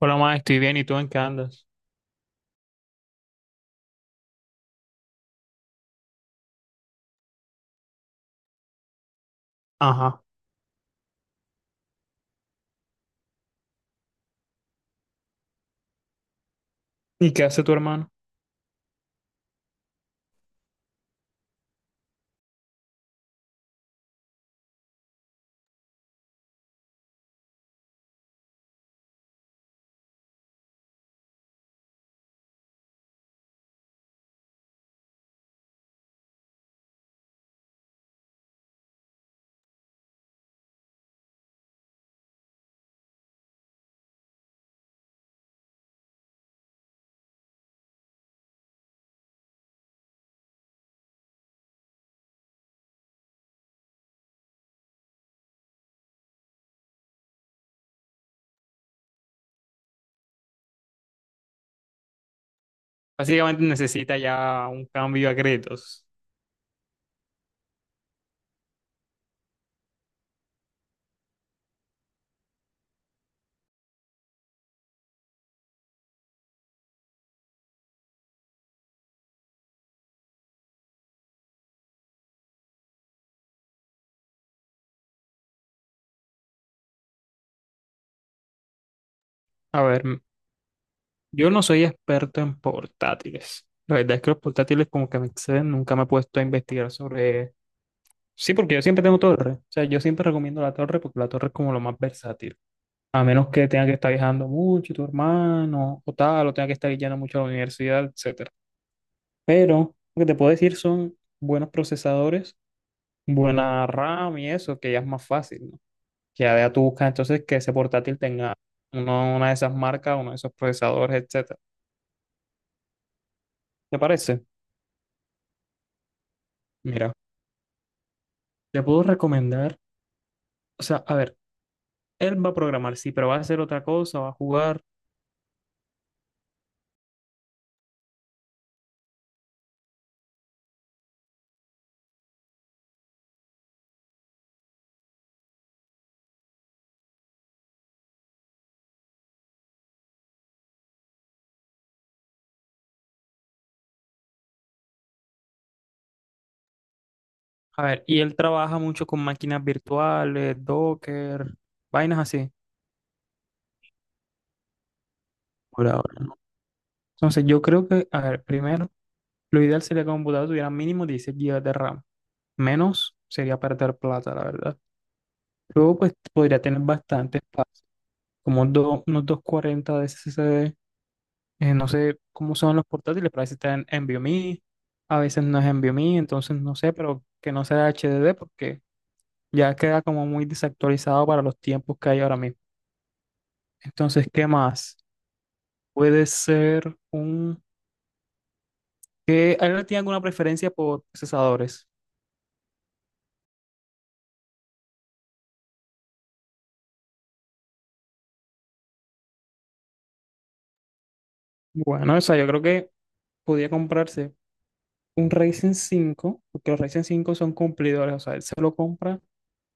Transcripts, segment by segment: Hola, ma, estoy bien. ¿Y tú en qué andas? Ajá. ¿Y qué hace tu hermano? Básicamente necesita ya un cambio a créditos. A ver, yo no soy experto en portátiles. La verdad es que los portátiles como que me exceden. Nunca me he puesto a investigar sobre... Sí, porque yo siempre tengo torre. O sea, yo siempre recomiendo la torre porque la torre es como lo más versátil. A menos que tenga que estar viajando mucho tu hermano o tal, o tenga que estar yendo mucho a la universidad, etcétera. Pero lo que te puedo decir son buenos procesadores, buena RAM y eso, que ya es más fácil, ¿no? Que ya tú buscas entonces que ese portátil tenga una de esas marcas, uno de esos procesadores, etcétera. ¿Te parece? Mira, te puedo recomendar, o sea, a ver, él va a programar, sí, pero va a hacer otra cosa, va a jugar. A ver, y él trabaja mucho con máquinas virtuales, Docker, vainas así, por ahora, ¿no? Entonces, yo creo que, a ver, primero, lo ideal sería que un computador tuviera mínimo 16 GB de RAM. Menos sería perder plata, la verdad. Luego, pues podría tener bastante espacio, como unos 240 de SSD. No sé cómo son los portátiles, pero a veces está en NVMe, a veces no es NVMe, entonces no sé, pero que no sea HDD porque ya queda como muy desactualizado para los tiempos que hay ahora mismo. Entonces, ¿qué más? Puede ser un... ¿Qué? ¿Alguien tiene alguna preferencia por procesadores? Bueno, o sea, yo creo que podía comprarse un Ryzen cinco porque los Ryzen cinco son cumplidores, o sea, él se lo compra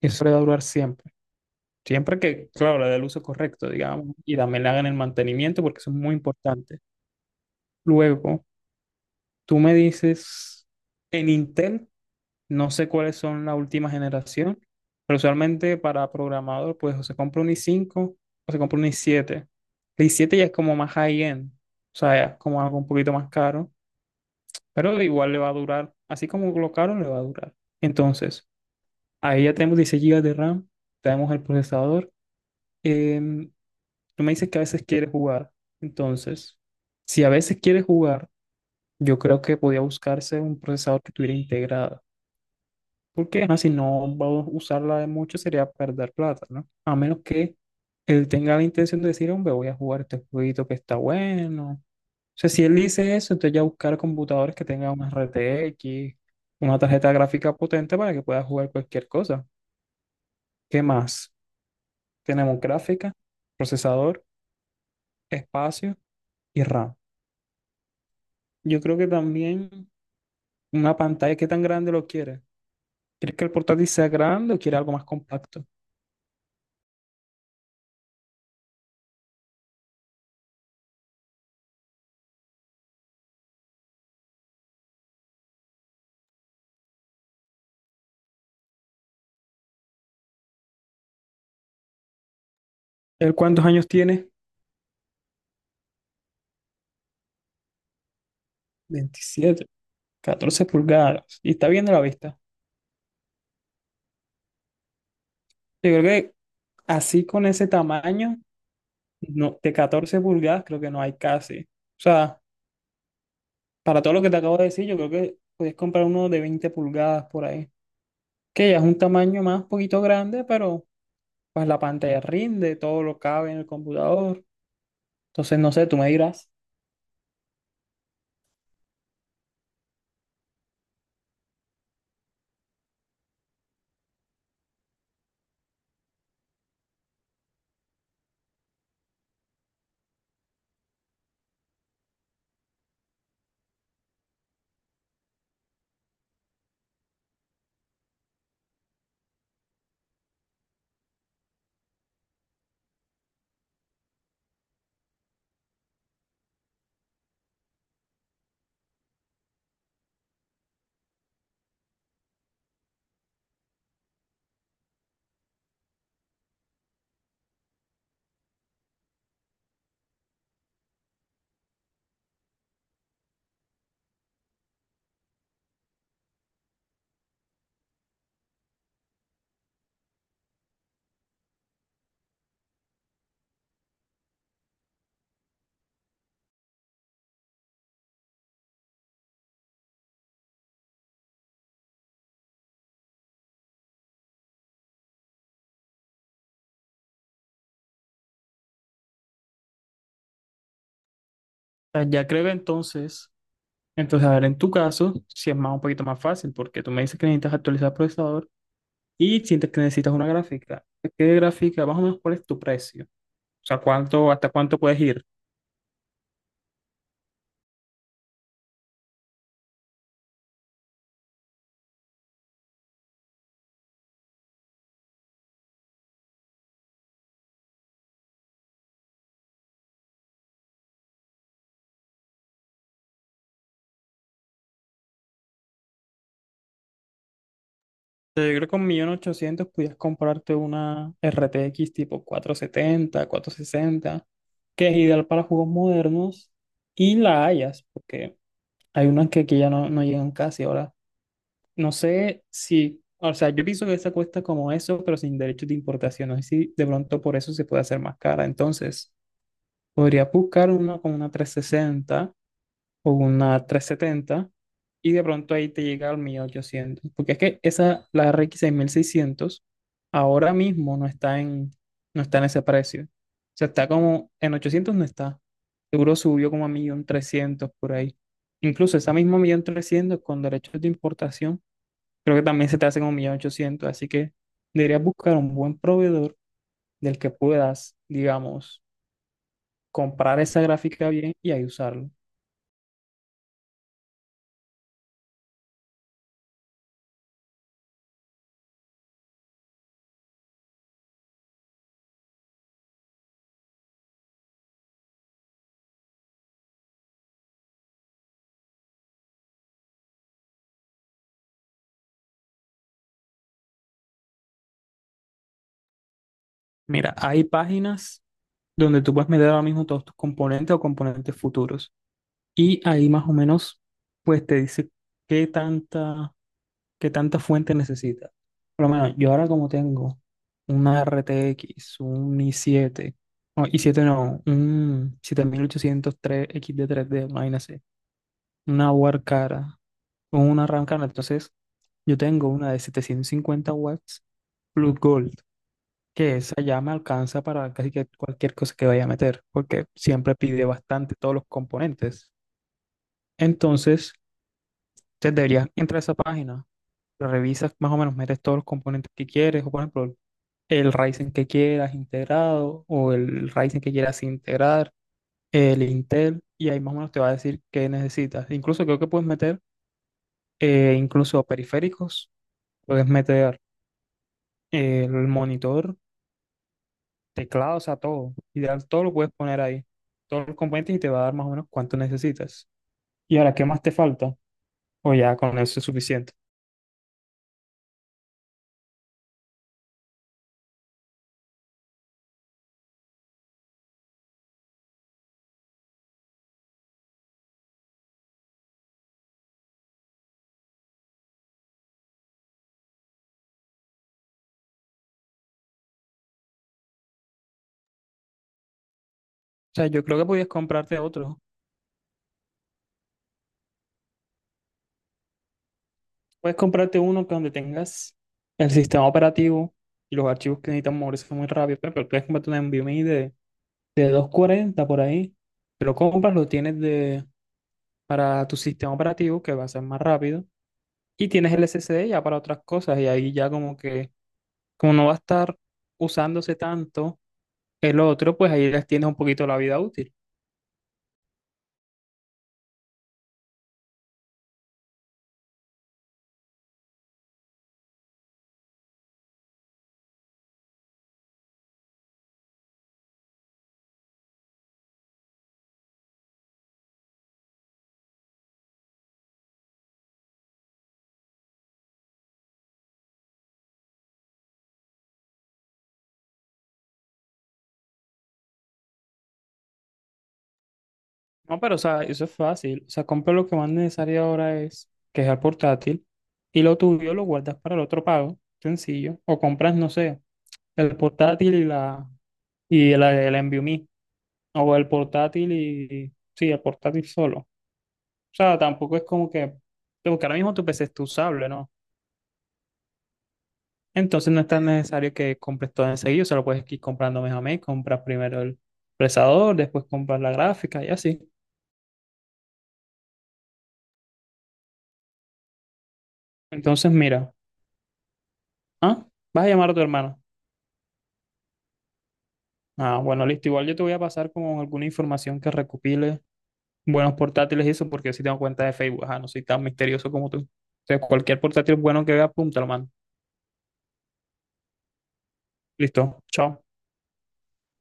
y eso le va a durar siempre. Siempre que, claro, le dé el uso correcto, digamos, y también le hagan el mantenimiento porque eso es muy importante. Luego, tú me dices, en Intel, no sé cuáles son la última generación, pero usualmente para programador, pues o se compra un i5 o se compra un i7. El i7 ya es como más high-end, o sea, ya es como algo un poquito más caro, pero igual le va a durar, así como lo caro le va a durar. Entonces, ahí ya tenemos 16 gigas de RAM, tenemos el procesador. em, Tú me dices que a veces quieres jugar. Entonces, si a veces quieres jugar, yo creo que podía buscarse un procesador que tuviera integrada. Porque ajá, si no va a usarla de mucho, sería perder plata, ¿no? A menos que él tenga la intención de decir, hombre, voy a jugar este jueguito que está bueno. O sea, si él dice eso, entonces ya buscar computadores que tengan una RTX, una tarjeta gráfica potente para que pueda jugar cualquier cosa. ¿Qué más? Tenemos gráfica, procesador, espacio y RAM. Yo creo que también una pantalla, ¿qué tan grande lo quieres? ¿Quieres que el portátil sea grande o quieres algo más compacto? ¿Él cuántos años tiene? 27. Catorce pulgadas. Y está bien de la vista. Yo creo que así con ese tamaño, no, de 14 pulgadas creo que no hay casi. O sea, para todo lo que te acabo de decir, yo creo que puedes comprar uno de 20 pulgadas por ahí. Que ya es un tamaño más poquito grande, pero pues la pantalla rinde, todo lo cabe en el computador. Entonces, no sé, tú me dirás. Ah, ya creo que entonces... Entonces, a ver, en tu caso, si es más un poquito más fácil, porque tú me dices que necesitas actualizar el procesador y sientes que necesitas una gráfica. ¿Qué gráfica? Más o menos, ¿cuál es tu precio? O sea, ¿cuánto, hasta cuánto puedes ir? Yo creo que con 1.800.000 pudieras comprarte una RTX tipo 470, sesenta, que es ideal para juegos modernos y la hayas, porque hay unas que aquí ya no, no llegan casi ahora. No sé si, o sea, yo pienso que esa cuesta como eso, pero sin derechos de importación. No sé si de pronto por eso se puede hacer más cara. Entonces, podría buscar una con una 360 o una 370 y de pronto ahí te llega al 1.800. Porque es que esa, la RX 600 ahora mismo no está en, no está en ese precio. O sea, está como en 800, no está. Seguro subió como a 1.300 por ahí. Incluso esa misma 1.300 con derechos de importación, creo que también se te hace como 1.800.000, así que deberías buscar un buen proveedor del que puedas, digamos, comprar esa gráfica bien y ahí usarlo. Mira, hay páginas donde tú puedes meter ahora mismo todos tus componentes o componentes futuros y ahí más o menos pues te dice qué tanta, qué tanta fuente necesitas. Por lo menos yo ahora como tengo una RTX, un i7, no, i7 no, un 7803 x de tres d, imagínate, una Warcara o una Ramcara. Entonces, yo tengo una de 750 W Blue Gold, que esa ya me alcanza para casi que cualquier cosa que vaya a meter, porque siempre pide bastante todos los componentes. Entonces, te deberías entrar a esa página, lo revisas más o menos, metes todos los componentes que quieres, o por ejemplo, el Ryzen que quieras integrado o el Ryzen que quieras integrar, el Intel, y ahí más o menos te va a decir qué necesitas. Incluso creo que puedes meter, incluso periféricos. Puedes meter el monitor, teclado, o sea, todo. Ideal, todo lo puedes poner ahí. Todos los componentes y te va a dar más o menos cuánto necesitas. Y ahora, ¿qué más te falta? O ya con eso es suficiente. O sea, yo creo que podías comprarte otro. Puedes comprarte uno que donde tengas el sistema operativo y los archivos que necesitan moverse muy rápido. Pero puedes comprarte un NVMe de 240 por ahí. Te lo compras, lo tienes de, para tu sistema operativo que va a ser más rápido. Y tienes el SSD ya para otras cosas. Y ahí ya, como que como no va a estar usándose tanto el otro, pues ahí les tienes un poquito la vida útil. No, pero o sea, eso es fácil. O sea, compra lo que más necesario ahora es, que es el portátil, y lo tuyo lo guardas para el otro pago, sencillo. O compras, no sé, el portátil y la, y la, el NVMe. O el portátil, y sí, el portátil solo. O sea, tampoco es como que, porque ahora mismo tu PC es tu usable, ¿no? Entonces no es tan necesario que compres todo enseguida, solo puedes ir comprando mes a mes, compras primero el procesador, después compras la gráfica y así. Entonces mira, ¿ah? ¿Vas a llamar a tu hermano? Ah, bueno, listo, igual yo te voy a pasar como alguna información que recopile, buenos portátiles y eso, porque yo sí tengo cuenta de Facebook, ajá, no soy tan misterioso como tú. Entonces cualquier portátil bueno que vea, apúntalo, mano. Listo, chao.